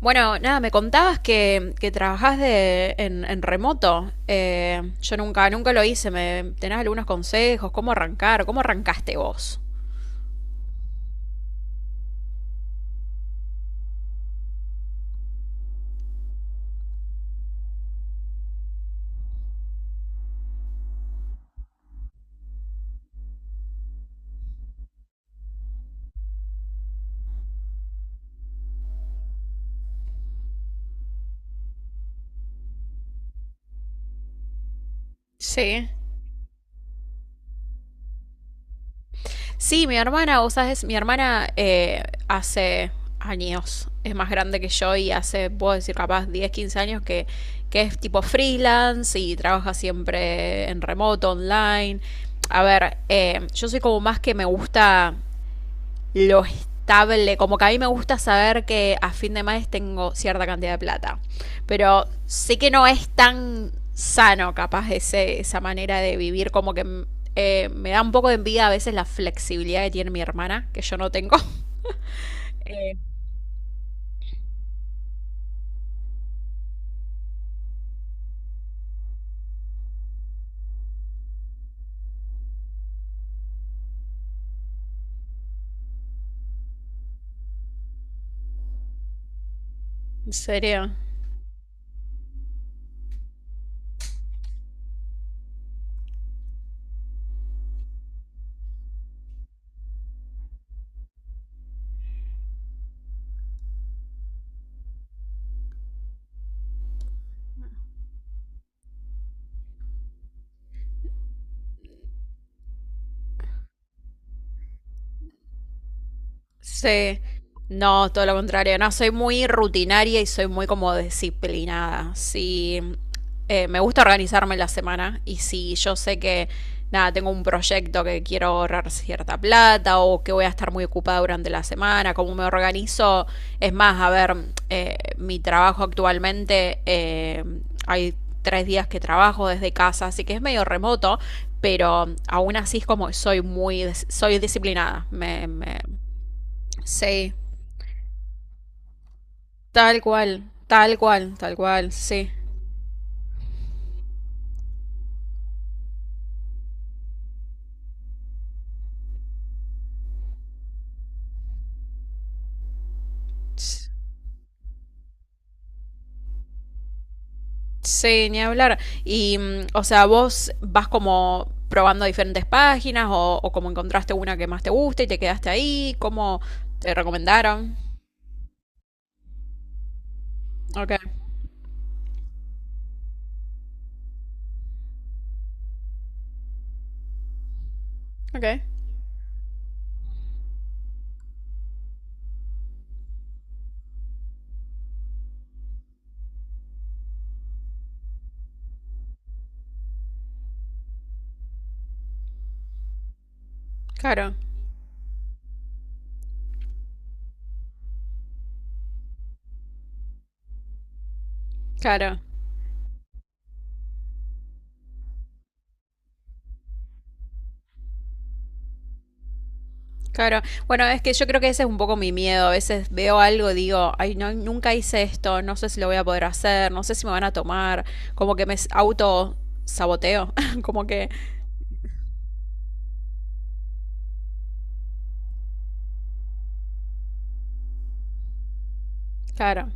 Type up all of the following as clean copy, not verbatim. Bueno, nada, me contabas que trabajás en remoto. Yo nunca lo hice. Me, ¿tenés algunos consejos? ¿Cómo arrancar? ¿Cómo arrancaste vos? Sí. Sí, mi hermana, vos sabés, mi hermana hace años, es más grande que yo, y hace, puedo decir, capaz 10, 15 años que es tipo freelance y trabaja siempre en remoto, online. A ver, yo soy como más que me gusta lo estable. Como que a mí me gusta saber que a fin de mes tengo cierta cantidad de plata. Pero sé que no es tan sano capaz ese, esa manera de vivir. Como que me da un poco de envidia a veces la flexibilidad que tiene mi hermana, que yo no tengo. Eh, en serio. Sí. No, todo lo contrario. No, soy muy rutinaria y soy muy como disciplinada. Sí, me gusta organizarme la semana y si yo sé que, nada, tengo un proyecto que quiero ahorrar cierta plata o que voy a estar muy ocupada durante la semana, cómo me organizo, es más, a ver, mi trabajo actualmente, hay tres días que trabajo desde casa, así que es medio remoto, pero aún así es como que soy muy, soy disciplinada. Me, sí, tal cual, tal cual, tal cual, sí. Sí, ni hablar. Y, o sea, vos vas como probando diferentes páginas o como encontraste una que más te gusta y te quedaste ahí, como te recomendaron. Ok, ok, claro, claro, claro. Bueno, es que yo creo que ese es un poco mi miedo. A veces veo algo, digo, ay, no, nunca hice esto, no sé si lo voy a poder hacer, no sé si me van a tomar, como que me auto saboteo, como que, claro,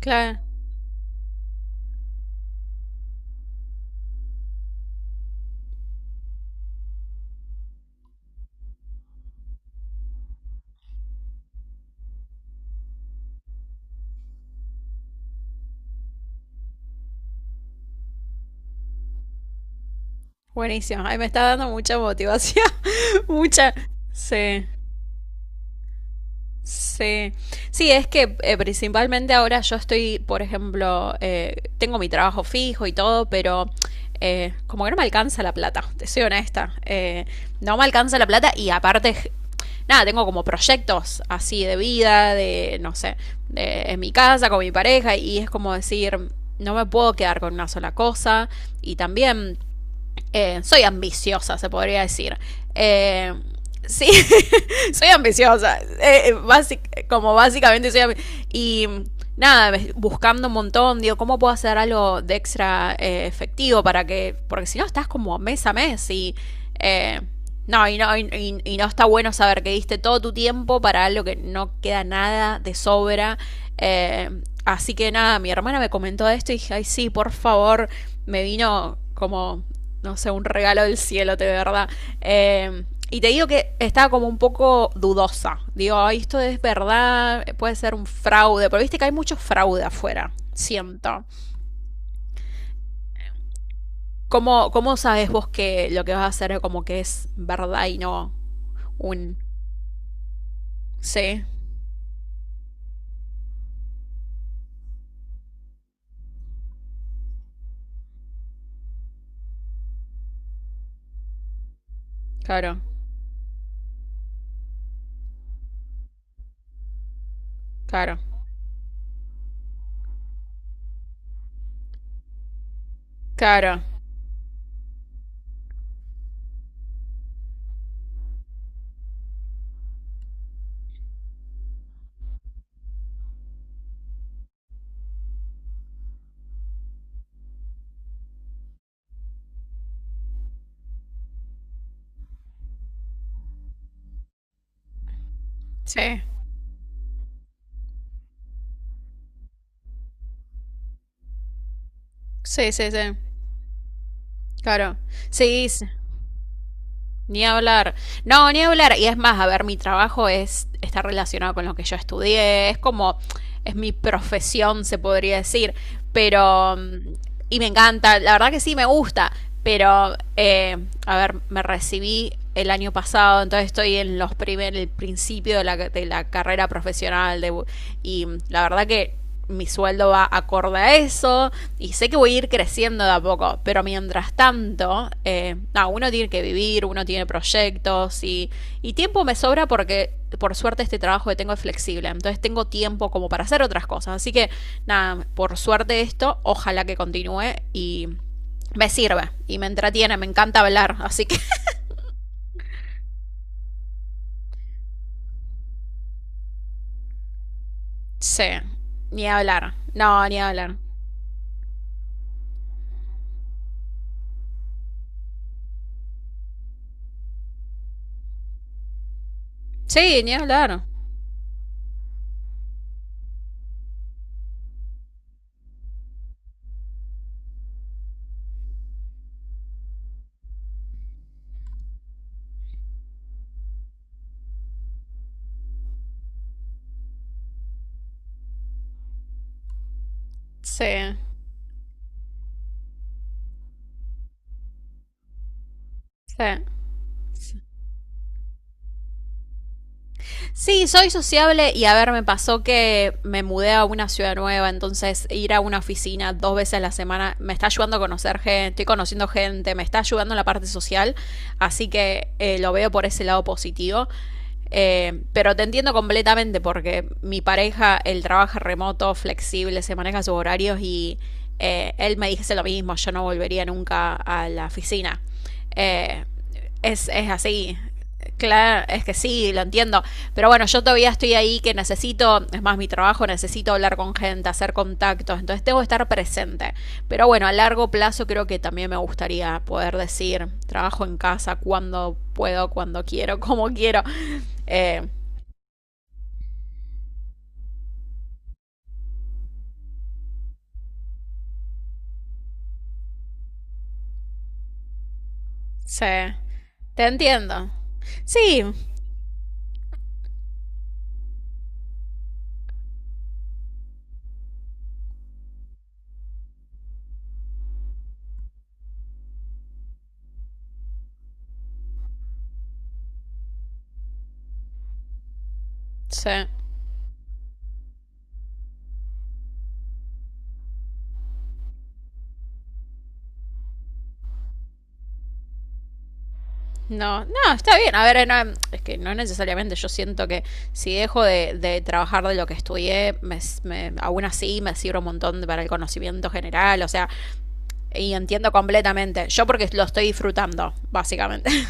claro. Buenísimo. Ay, me está dando mucha motivación. Mucha. Sí. Sí. Sí, es que principalmente ahora yo estoy, por ejemplo, tengo mi trabajo fijo y todo, pero como que no me alcanza la plata, te soy honesta. No me alcanza la plata y aparte, nada, tengo como proyectos así de vida, de, no sé, en mi casa, con mi pareja, y es como decir, no me puedo quedar con una sola cosa. Y también soy ambiciosa, se podría decir. Eh, sí, soy ambiciosa. Como básicamente soy ambi- Y nada, buscando un montón, digo, ¿cómo puedo hacer algo de extra efectivo para que. Porque si no, estás como mes a mes y. eh, no, y no, y no está bueno saber que diste todo tu tiempo para algo que no queda nada de sobra. Eh, Así que nada, mi hermana me comentó esto y dije, ay, sí, por favor, me vino como no sé, un regalo del cielo, de verdad. Eh, y te digo que estaba como un poco dudosa. Digo, ay, esto es verdad, puede ser un fraude, pero viste que hay mucho fraude afuera, siento. ¿Cómo, cómo sabes vos que lo que vas a hacer es como que es verdad y no un... Sí, claro, claro, claro. Sí, sí, sí, sí. Claro. Sí, sí. Ni hablar. No, ni hablar. Y es más, a ver, mi trabajo es, está relacionado con lo que yo estudié. Es como, es mi profesión, se podría decir. Pero, y me encanta. La verdad que sí, me gusta. Pero, a ver, me recibí el año pasado, entonces estoy en los primer, el principio de la carrera profesional. De, y la verdad que mi sueldo va acorde a eso. Y sé que voy a ir creciendo de a poco, pero mientras tanto, no, uno tiene que vivir, uno tiene proyectos y tiempo me sobra porque por suerte este trabajo que tengo es flexible, entonces tengo tiempo como para hacer otras cosas, así que nada, por suerte esto, ojalá que continúe y me sirve y me entretiene, me encanta hablar, así que sí, ni hablar, no, ni hablar, sí, ni hablar, sí, sí. Sí, soy sociable y a ver, me pasó que me mudé a una ciudad nueva, entonces ir a una oficina dos veces a la semana me está ayudando a conocer gente, estoy conociendo gente, me está ayudando en la parte social, así que lo veo por ese lado positivo. Pero te entiendo completamente porque mi pareja, él trabaja remoto, flexible, se maneja sus horarios y él me dice lo mismo, yo no volvería nunca a la oficina. Eh, es así. Claro, es que sí, lo entiendo. Pero bueno, yo todavía estoy ahí que necesito, es más mi trabajo, necesito hablar con gente, hacer contactos, entonces tengo que estar presente. Pero bueno, a largo plazo creo que también me gustaría poder decir, trabajo en casa cuando puedo, cuando quiero, como quiero. Eh, sí, te entiendo. Sí, sí. No, no, está bien. A ver, no, es que no necesariamente yo siento que si dejo de trabajar de lo que estudié, me- aún así me sirve un montón para el conocimiento general, o sea, y entiendo completamente. Yo porque lo estoy disfrutando, básicamente.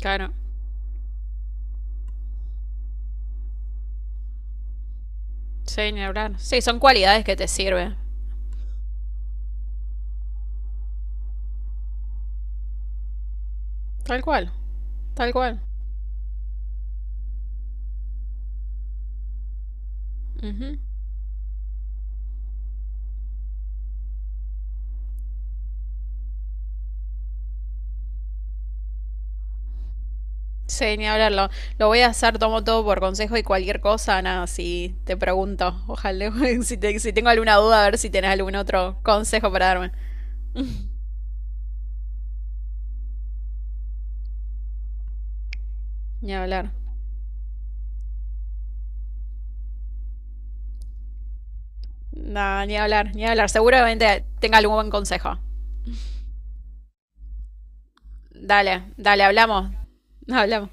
Claro, sí, ni hablar. Sí, son cualidades que te sirven. Tal cual, tal cual. Ujú. Sí, ni hablarlo. Lo voy a hacer, tomo todo por consejo y cualquier cosa, nada, si te pregunto. Ojalá, si, te- si tengo alguna duda, a ver si tenés algún otro consejo para darme. Ni hablar. No, ni hablar, ni hablar. Seguramente tenga algún buen consejo. Dale, dale, hablamos. Hablamos.